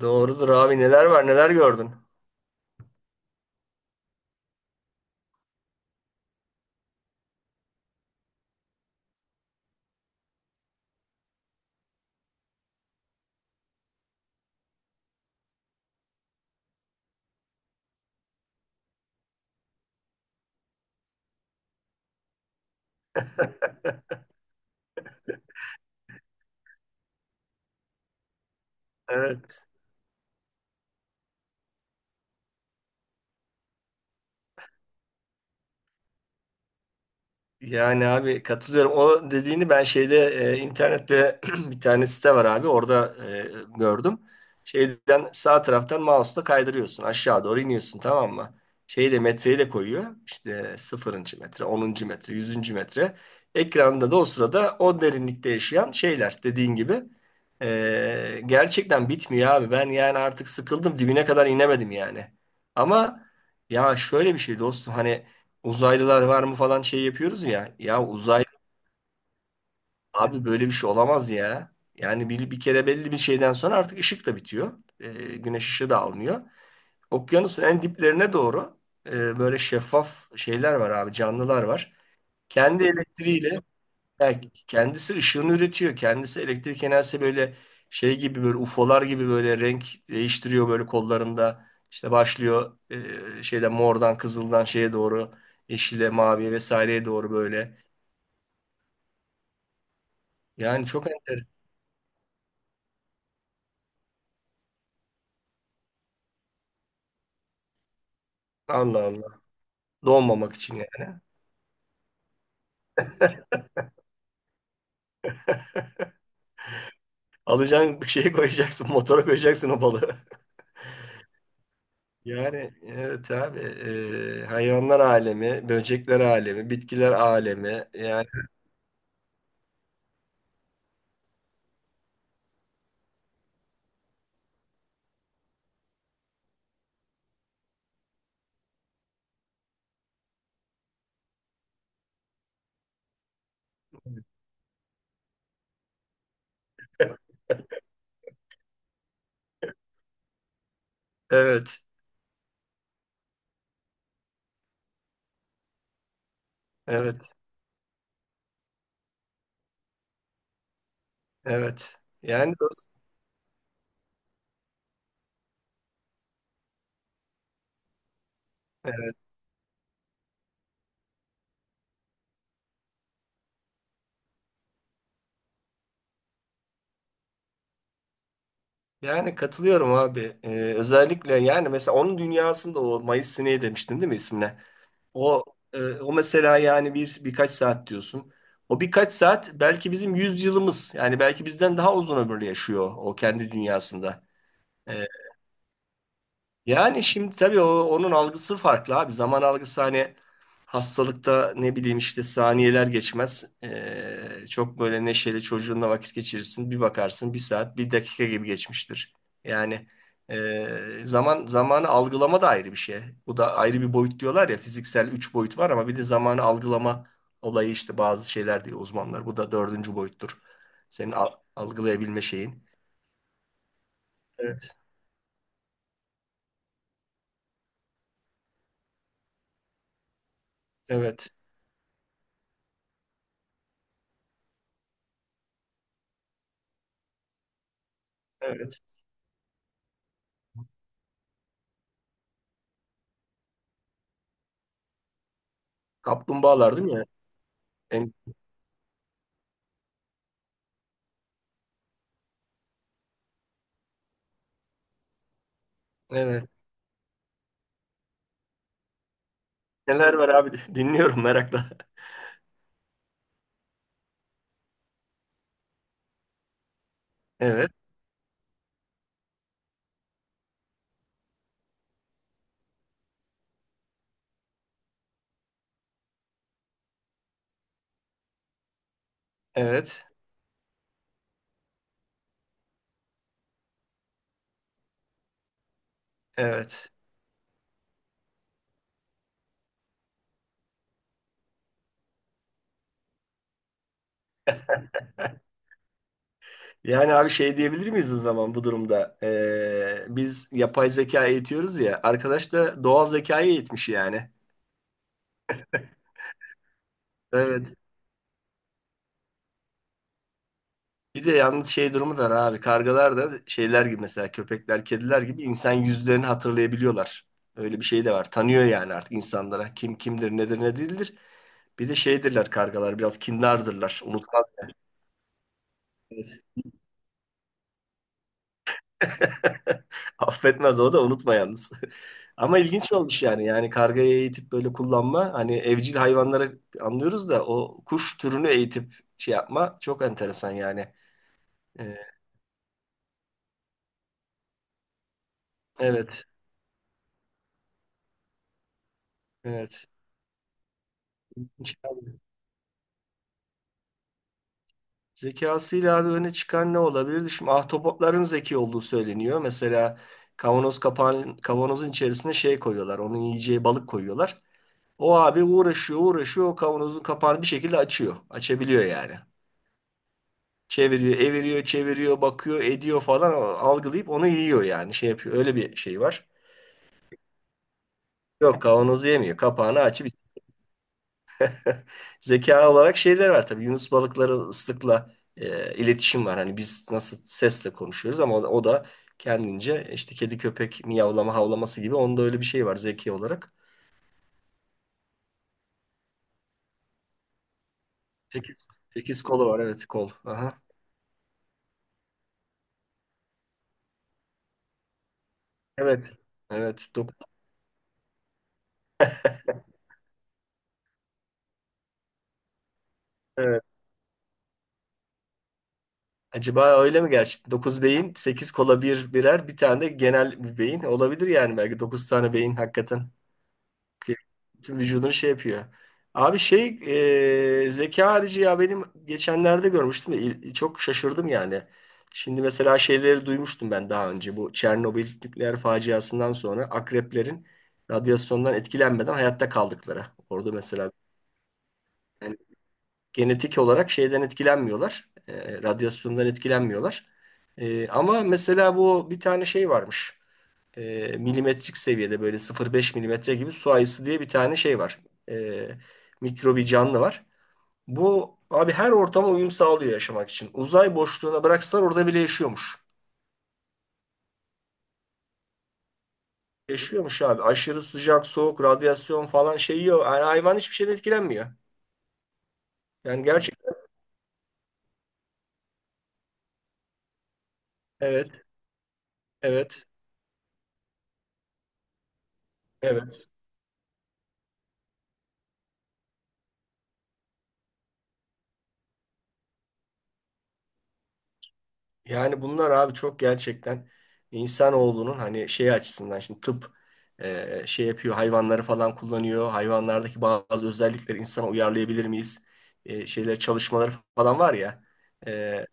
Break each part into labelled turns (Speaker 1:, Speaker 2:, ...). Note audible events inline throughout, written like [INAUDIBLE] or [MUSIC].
Speaker 1: Doğrudur abi, neler var, neler gördün. Evet. Yani abi katılıyorum. O dediğini ben şeyde internette [CLEARS THROAT] bir tane site var abi. Orada gördüm. Şeyden sağ taraftan mouse'la kaydırıyorsun. Aşağı doğru iniyorsun, tamam mı? Şeyi de metreyi de koyuyor. İşte 0. metre, 10. metre, 100. metre. Ekranda da o sırada o derinlikte yaşayan şeyler, dediğin gibi. Gerçekten bitmiyor abi. Ben yani artık sıkıldım. Dibine kadar inemedim yani. Ama ya şöyle bir şey dostum, hani uzaylılar var mı falan şey yapıyoruz ya. Ya uzay abi, böyle bir şey olamaz ya. Yani bir kere belli bir şeyden sonra artık ışık da bitiyor. Güneş ışığı da almıyor. Okyanusun en diplerine doğru böyle şeffaf şeyler var abi, canlılar var. Kendi elektriğiyle, yani kendisi ışığını üretiyor. Kendisi elektrik enerjisi böyle şey gibi, böyle UFO'lar gibi böyle renk değiştiriyor böyle kollarında. İşte başlıyor şeyden, mordan, kızıldan şeye doğru, yeşile, maviye vesaireye doğru böyle. Yani çok enter. Allah Allah. Donmamak için yani. Alacaksın, bir şeye koyacaksın. Motora koyacaksın o balığı. [LAUGHS] Yani evet abi. Hayvanlar alemi, böcekler alemi, bitkiler alemi. Yani evet. Evet. Evet. Yani evet. Yani katılıyorum abi. Özellikle yani mesela onun dünyasında, o Mayıs sineği demiştin değil mi ismine? O o mesela yani birkaç saat diyorsun. O birkaç saat belki bizim yüz yılımız. Yani belki bizden daha uzun ömürlü yaşıyor o kendi dünyasında. E, yani şimdi tabii onun algısı farklı abi. Zaman algısı, hani hastalıkta ne bileyim işte saniyeler geçmez. Çok böyle neşeli çocuğunla vakit geçirirsin. Bir bakarsın bir saat bir dakika gibi geçmiştir. Yani zamanı algılama da ayrı bir şey. Bu da ayrı bir boyut diyorlar ya. Fiziksel üç boyut var ama bir de zamanı algılama olayı, işte bazı şeyler diyor uzmanlar. Bu da dördüncü boyuttur. Senin algılayabilme şeyin. Evet. Evet. Evet. Kaplumbağalar değil mi ya? En Evet. Neler var abi? [LAUGHS] Dinliyorum merakla. Evet. Evet. Evet. Yani abi, şey diyebilir miyiz o zaman bu durumda? Biz yapay zeka eğitiyoruz ya. Arkadaş da doğal zekayı eğitmiş yani. Evet. Bir de yalnız şey durumu da var abi. Kargalar da şeyler gibi, mesela köpekler, kediler gibi, insan yüzlerini hatırlayabiliyorlar. Öyle bir şey de var. Tanıyor yani artık insanlara. Kim kimdir, nedir, ne değildir. Bir de şeydirler kargalar. Biraz kindardırlar. Unutmaz yani. [LAUGHS] Affetmez o da, unutma yalnız. [LAUGHS] Ama ilginç olmuş yani. Yani kargayı eğitip böyle kullanma. Hani evcil hayvanlara anlıyoruz da o kuş türünü eğitip şey yapma çok enteresan yani. Ee, evet. Evet. Zekasıyla abi öne çıkan ne olabilir? Şimdi ahtapotların zeki olduğu söyleniyor. Mesela kavanozun içerisine şey koyuyorlar. Onun yiyeceği balık koyuyorlar. O abi uğraşıyor uğraşıyor, o kavanozun kapağını bir şekilde açıyor. Açabiliyor yani. Çeviriyor, eviriyor, çeviriyor, bakıyor, ediyor falan, algılayıp onu yiyor yani. Şey yapıyor. Öyle bir şey var. Yok, kavanozu yemiyor. Kapağını açıp [LAUGHS] zeka olarak şeyler var tabii. Yunus balıkları ıslıkla iletişim var. Hani biz nasıl sesle konuşuyoruz ama o da kendince, işte kedi köpek miyavlama havlaması gibi, onda öyle bir şey var zeki olarak. Sekiz, sekiz kolu var evet, kol. Aha. Evet. Evet. Dokuz. Acaba öyle mi gerçekten? 9 beyin, 8 kola birer, bir tane de genel bir beyin. Olabilir yani, belki 9 tane beyin hakikaten. Ki tüm vücudunu şey yapıyor. Abi şey, zeka harici ya, benim geçenlerde görmüştüm. Çok şaşırdım yani. Şimdi mesela şeyleri duymuştum ben daha önce. Bu Çernobil nükleer faciasından sonra akreplerin radyasyondan etkilenmeden hayatta kaldıkları. Orada mesela genetik olarak şeyden etkilenmiyorlar. Radyasyondan etkilenmiyorlar. Ama mesela bu bir tane şey varmış. Milimetrik seviyede, böyle 0,5 milimetre gibi, su ayısı diye bir tane şey var. E, mikrobi canlı var. Bu abi her ortama uyum sağlıyor yaşamak için. Uzay boşluğuna bıraksalar orada bile yaşıyormuş. Yaşıyormuş abi. Aşırı sıcak, soğuk, radyasyon falan, şey yok. Yani hayvan hiçbir şeyden etkilenmiyor. Yani gerçekten. Evet, evet, evet. Yani bunlar abi çok gerçekten, insanoğlunun hani şey açısından, şimdi tıp şey yapıyor, hayvanları falan kullanıyor. Hayvanlardaki bazı özellikleri insana uyarlayabilir miyiz? Şeyler çalışmaları falan var ya. E,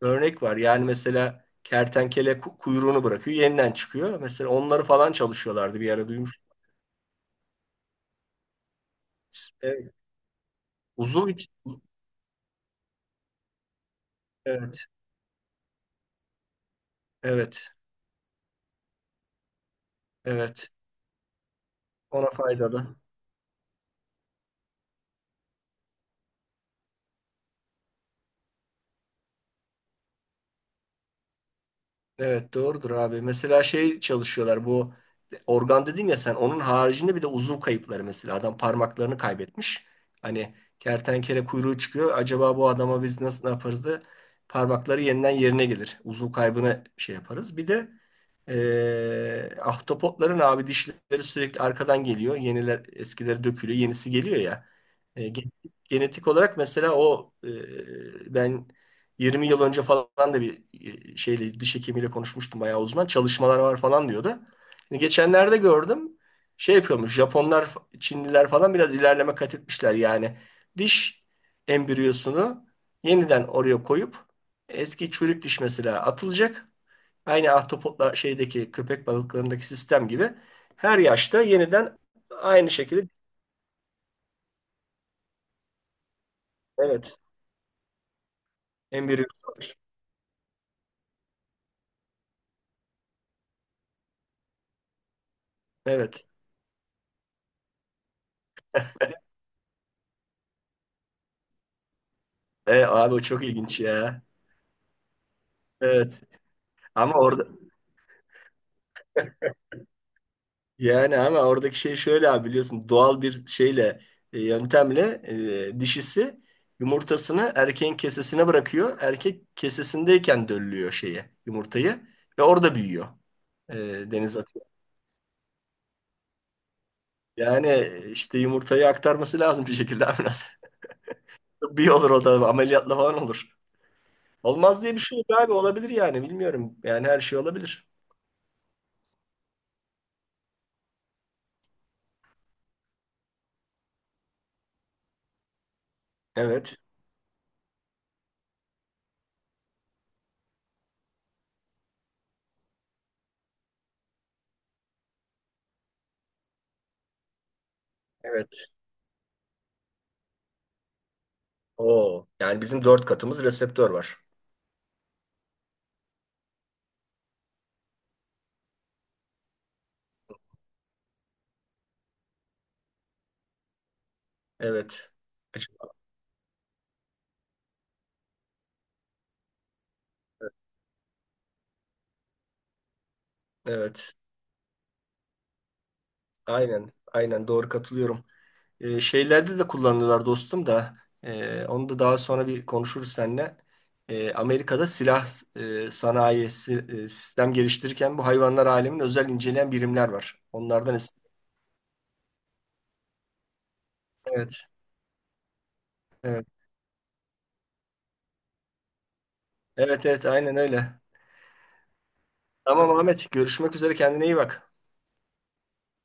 Speaker 1: örnek var yani, mesela kertenkele kuyruğunu bırakıyor, yeniden çıkıyor. Mesela onları falan çalışıyorlardı bir ara, duymuş. Evet. Uzuv için. Evet, evet, evet. Ona faydalı. Evet, doğrudur abi. Mesela şey çalışıyorlar, bu organ dedin ya sen, onun haricinde bir de uzuv kayıpları, mesela adam parmaklarını kaybetmiş. Hani kertenkele kuyruğu çıkıyor. Acaba bu adama biz nasıl, ne yaparız da parmakları yeniden yerine gelir. Uzuv kaybına şey yaparız. Bir de ahtapotların abi dişleri sürekli arkadan geliyor. Yeniler, eskileri dökülüyor, yenisi geliyor ya. E, gen- genetik olarak mesela, o ben 20 yıl önce falan da bir şeyle, diş hekimiyle konuşmuştum, bayağı uzman. Çalışmalar var falan diyordu. Şimdi geçenlerde gördüm, şey yapıyormuş, Japonlar, Çinliler falan biraz ilerleme kat etmişler yani. Diş embriyosunu yeniden oraya koyup eski çürük diş mesela atılacak. Aynı ahtapotla şeydeki, köpek balıklarındaki sistem gibi, her yaşta yeniden aynı şekilde, evet, embriyo. Evet. Abi o çok ilginç ya. Evet. Ama orada Yani ama oradaki şey şöyle abi, biliyorsun, doğal bir şeyle, yöntemle, dişisi yumurtasını erkeğin kesesine bırakıyor. Erkek kesesindeyken döllüyor şeye, yumurtayı ve orada büyüyor. E, deniz atıyor. Yani işte yumurtayı aktarması lazım bir şekilde abi, biraz. [LAUGHS] Tıbbi olur o da, ameliyatla falan olur. Olmaz diye bir şey yok abi, olabilir yani, bilmiyorum. Yani her şey olabilir. Evet. Evet. Oo. Yani bizim dört katımız reseptör var. Evet. Evet. Aynen, aynen, doğru, katılıyorum. Şeylerde de kullanıyorlar dostum da onu da daha sonra bir konuşuruz seninle. Amerika'da silah sanayi sistem geliştirirken, bu hayvanlar alemin özel inceleyen birimler var. Onlardan evet, evet, evet, evet, aynen öyle. Tamam Ahmet, görüşmek üzere, kendine iyi bak.